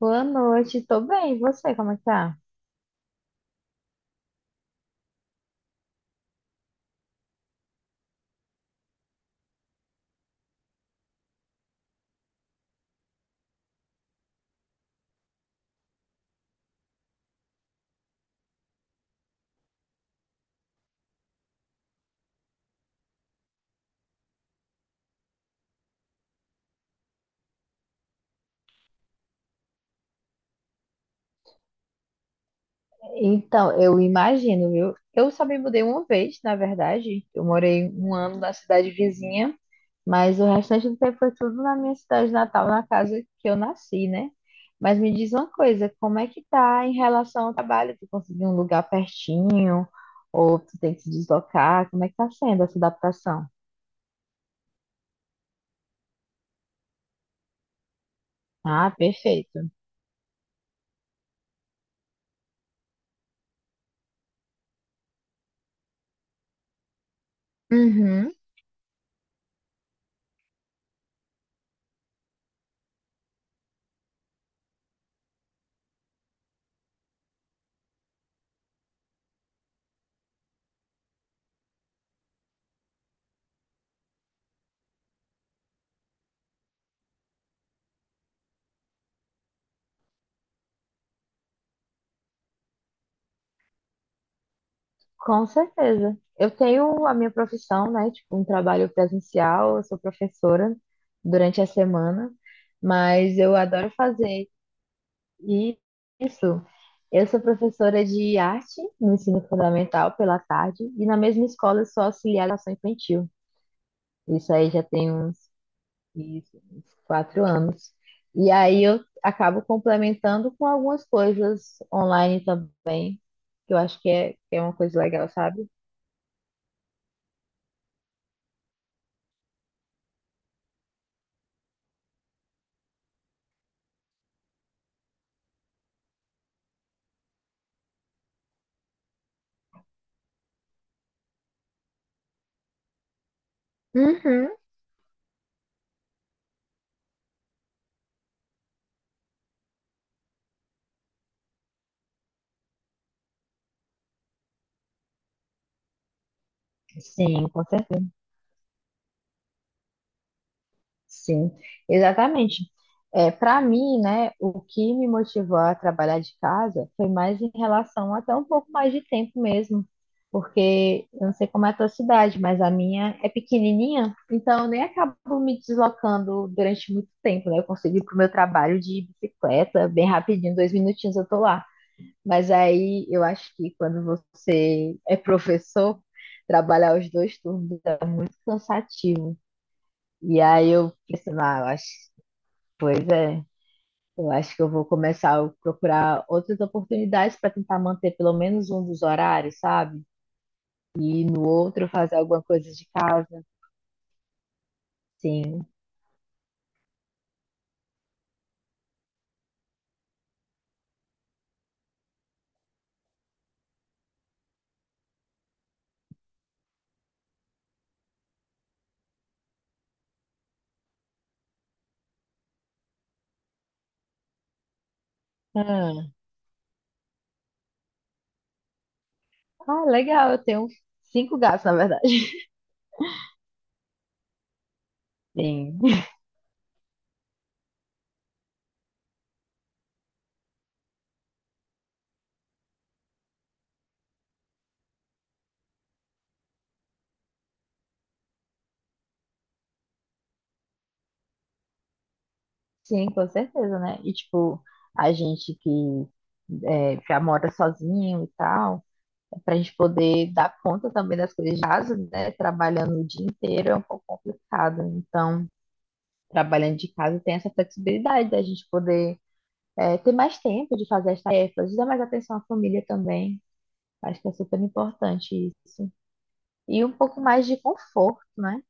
Boa noite, tô bem. E você, como é que tá? Então, eu imagino, viu? Eu só me mudei uma vez, na verdade. Eu morei um ano na cidade vizinha, mas o restante do tempo foi tudo na minha cidade natal, na casa que eu nasci, né? Mas me diz uma coisa, como é que tá em relação ao trabalho? Tu conseguiu um lugar pertinho? Ou tu tem que se deslocar? Como é que tá sendo essa adaptação? Ah, perfeito. Uhum. Com certeza. Eu tenho a minha profissão, né? Tipo, um trabalho presencial, eu sou professora durante a semana, mas eu adoro fazer isso. Eu sou professora de arte no ensino fundamental pela tarde, e na mesma escola eu sou auxiliar de ação infantil. Isso aí já tem uns, isso, uns quatro anos. E aí eu acabo complementando com algumas coisas online também, que eu acho que é uma coisa legal, sabe? Uhum. Sim, com certeza. Sim, exatamente. É, para mim, né, o que me motivou a trabalhar de casa foi mais em relação até um pouco mais de tempo mesmo, porque eu não sei como é a tua cidade, mas a minha é pequenininha, então eu nem acabo me deslocando durante muito tempo, né? Eu consigo ir para o meu trabalho de bicicleta, bem rapidinho, dois minutinhos eu tô lá. Mas aí eu acho que quando você é professor, trabalhar os dois turnos é muito cansativo. E aí eu pensando, ah, eu acho, pois é, eu acho que eu vou começar a procurar outras oportunidades para tentar manter pelo menos um dos horários, sabe? E no outro fazer alguma coisa de casa. Sim. Ah, ah, legal, eu tenho cinco gatos, na verdade. Sim. Sim, com certeza, né? E tipo, a gente que é, já mora sozinho e tal, para a gente poder dar conta também das coisas de casa, né? Trabalhando o dia inteiro é um pouco complicado. Então, trabalhando de casa, tem essa flexibilidade da gente poder ter mais tempo de fazer as tarefas, dar mais atenção à família também. Acho que é super importante isso. E um pouco mais de conforto, né?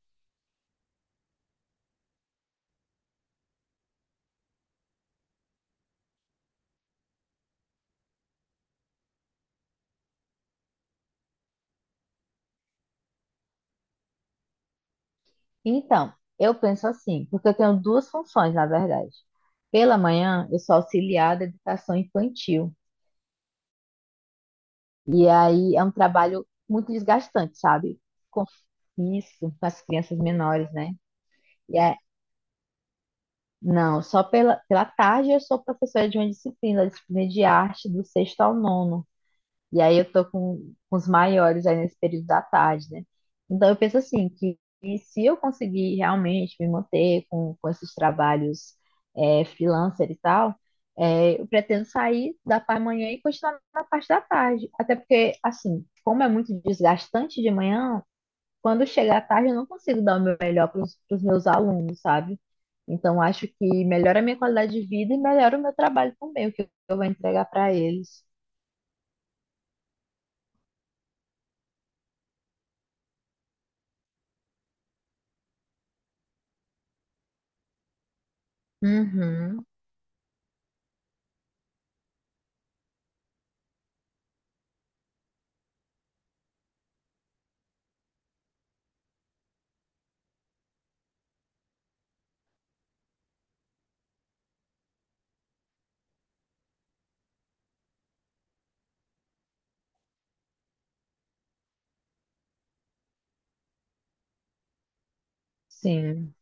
Então, eu penso assim, porque eu tenho duas funções, na verdade. Pela manhã, eu sou auxiliar da educação infantil. E aí é um trabalho muito desgastante, sabe? Com isso, com as crianças menores, né? Não, só pela, pela tarde eu sou professora de uma disciplina, disciplina de arte do sexto ao nono. E aí eu tô com os maiores aí nesse período da tarde, né? Então eu penso assim, que se eu conseguir realmente me manter com esses trabalhos freelancer e tal, eu pretendo sair da parte da manhã e continuar na parte da tarde. Até porque, assim, como é muito desgastante de manhã, quando chega à tarde, eu não consigo dar o meu melhor para os meus alunos, sabe? Então, acho que melhora a minha qualidade de vida e melhora o meu trabalho também, o que eu vou entregar para eles. Uhum, sim,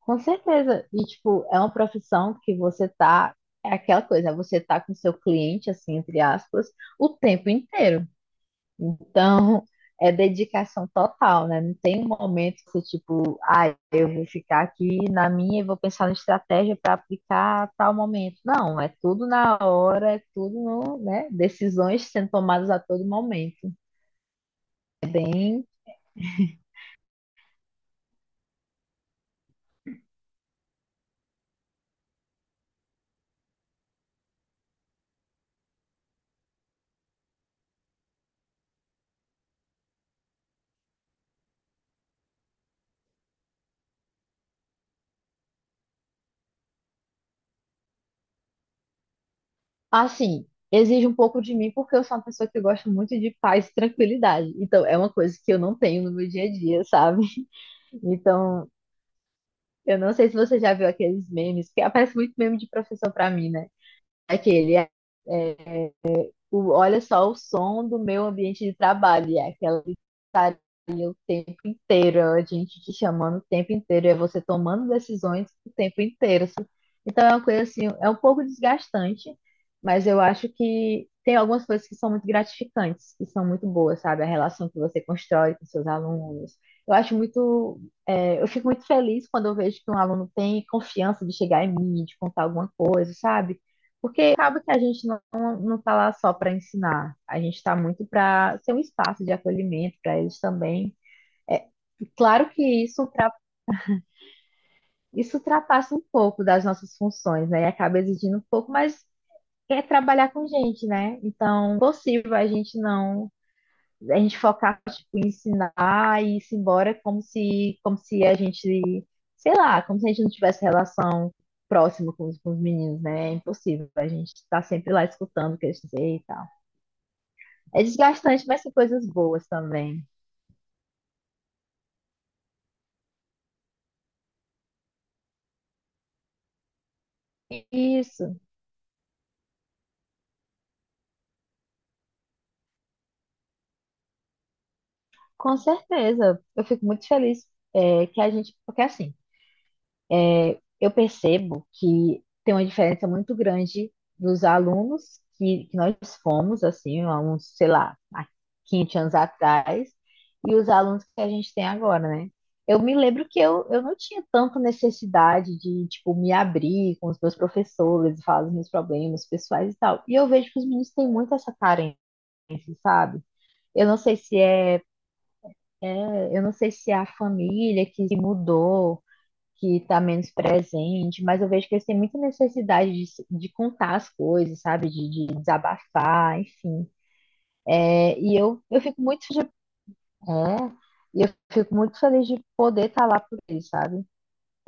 com certeza. E, tipo, é uma profissão que você tá, é aquela coisa, você tá com seu cliente, assim, entre aspas, o tempo inteiro. Então, é dedicação total, né? Não tem um momento que, tipo, ah, eu vou ficar aqui na minha e vou pensar na estratégia para aplicar tal momento. Não, é tudo na hora, é tudo no, né? Decisões sendo tomadas a todo momento. É bem, assim, exige um pouco de mim porque eu sou uma pessoa que gosta muito de paz e tranquilidade. Então, é uma coisa que eu não tenho no meu dia a dia, sabe? Então, eu não sei se você já viu aqueles memes, que aparece muito meme de professor para mim, né? É aquele, é, é, o, olha só o som do meu ambiente de trabalho, e é aquela gritaria o tempo inteiro, a gente te chamando o tempo inteiro, é você tomando decisões o tempo inteiro, sabe? Então é uma coisa assim, é um pouco desgastante, mas eu acho que tem algumas coisas que são muito gratificantes, que são muito boas, sabe? A relação que você constrói com seus alunos. Eu acho muito, eu fico muito feliz quando eu vejo que um aluno tem confiança de chegar em mim, de contar alguma coisa, sabe? Porque acaba que a gente não, não está lá só para ensinar, a gente está muito para ser um espaço de acolhimento para eles também. É, claro que isso ultrapassa um pouco das nossas funções, né? E acaba exigindo um pouco, mas é trabalhar com gente, né? Então, possível a gente não, a gente focar, tipo, em ensinar e ir -se embora como se a gente, sei lá, como se a gente não tivesse relação próxima com os meninos, né? É impossível, a gente está sempre lá escutando o que eles dizem e tal. É desgastante, mas tem coisas boas também. Isso, com certeza. Eu fico muito feliz é, que a gente. Porque assim, eu percebo que tem uma diferença muito grande dos alunos que nós fomos, assim, há uns, sei lá, há 15 anos atrás, e os alunos que a gente tem agora, né? Eu me lembro que eu não tinha tanta necessidade de, tipo, me abrir com os meus professores, falar dos meus problemas pessoais e tal. E eu vejo que os meninos têm muito essa carência, sabe? Eu não sei se é, eu não sei se é a família que se mudou, que está menos presente, mas eu vejo que eles têm muita necessidade de, se- de contar as coisas, sabe? De desabafar, enfim. Eu fico muito é, feliz de poder estar lá por eles, sabe?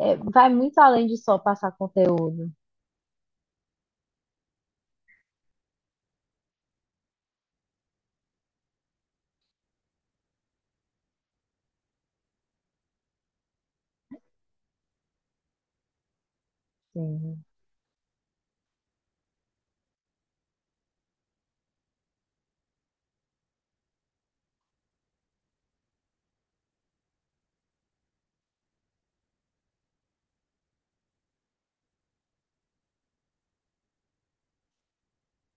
É, vai muito além de só passar conteúdo. Sim.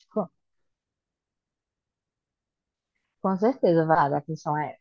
Com, com certeza, Vada, a questão é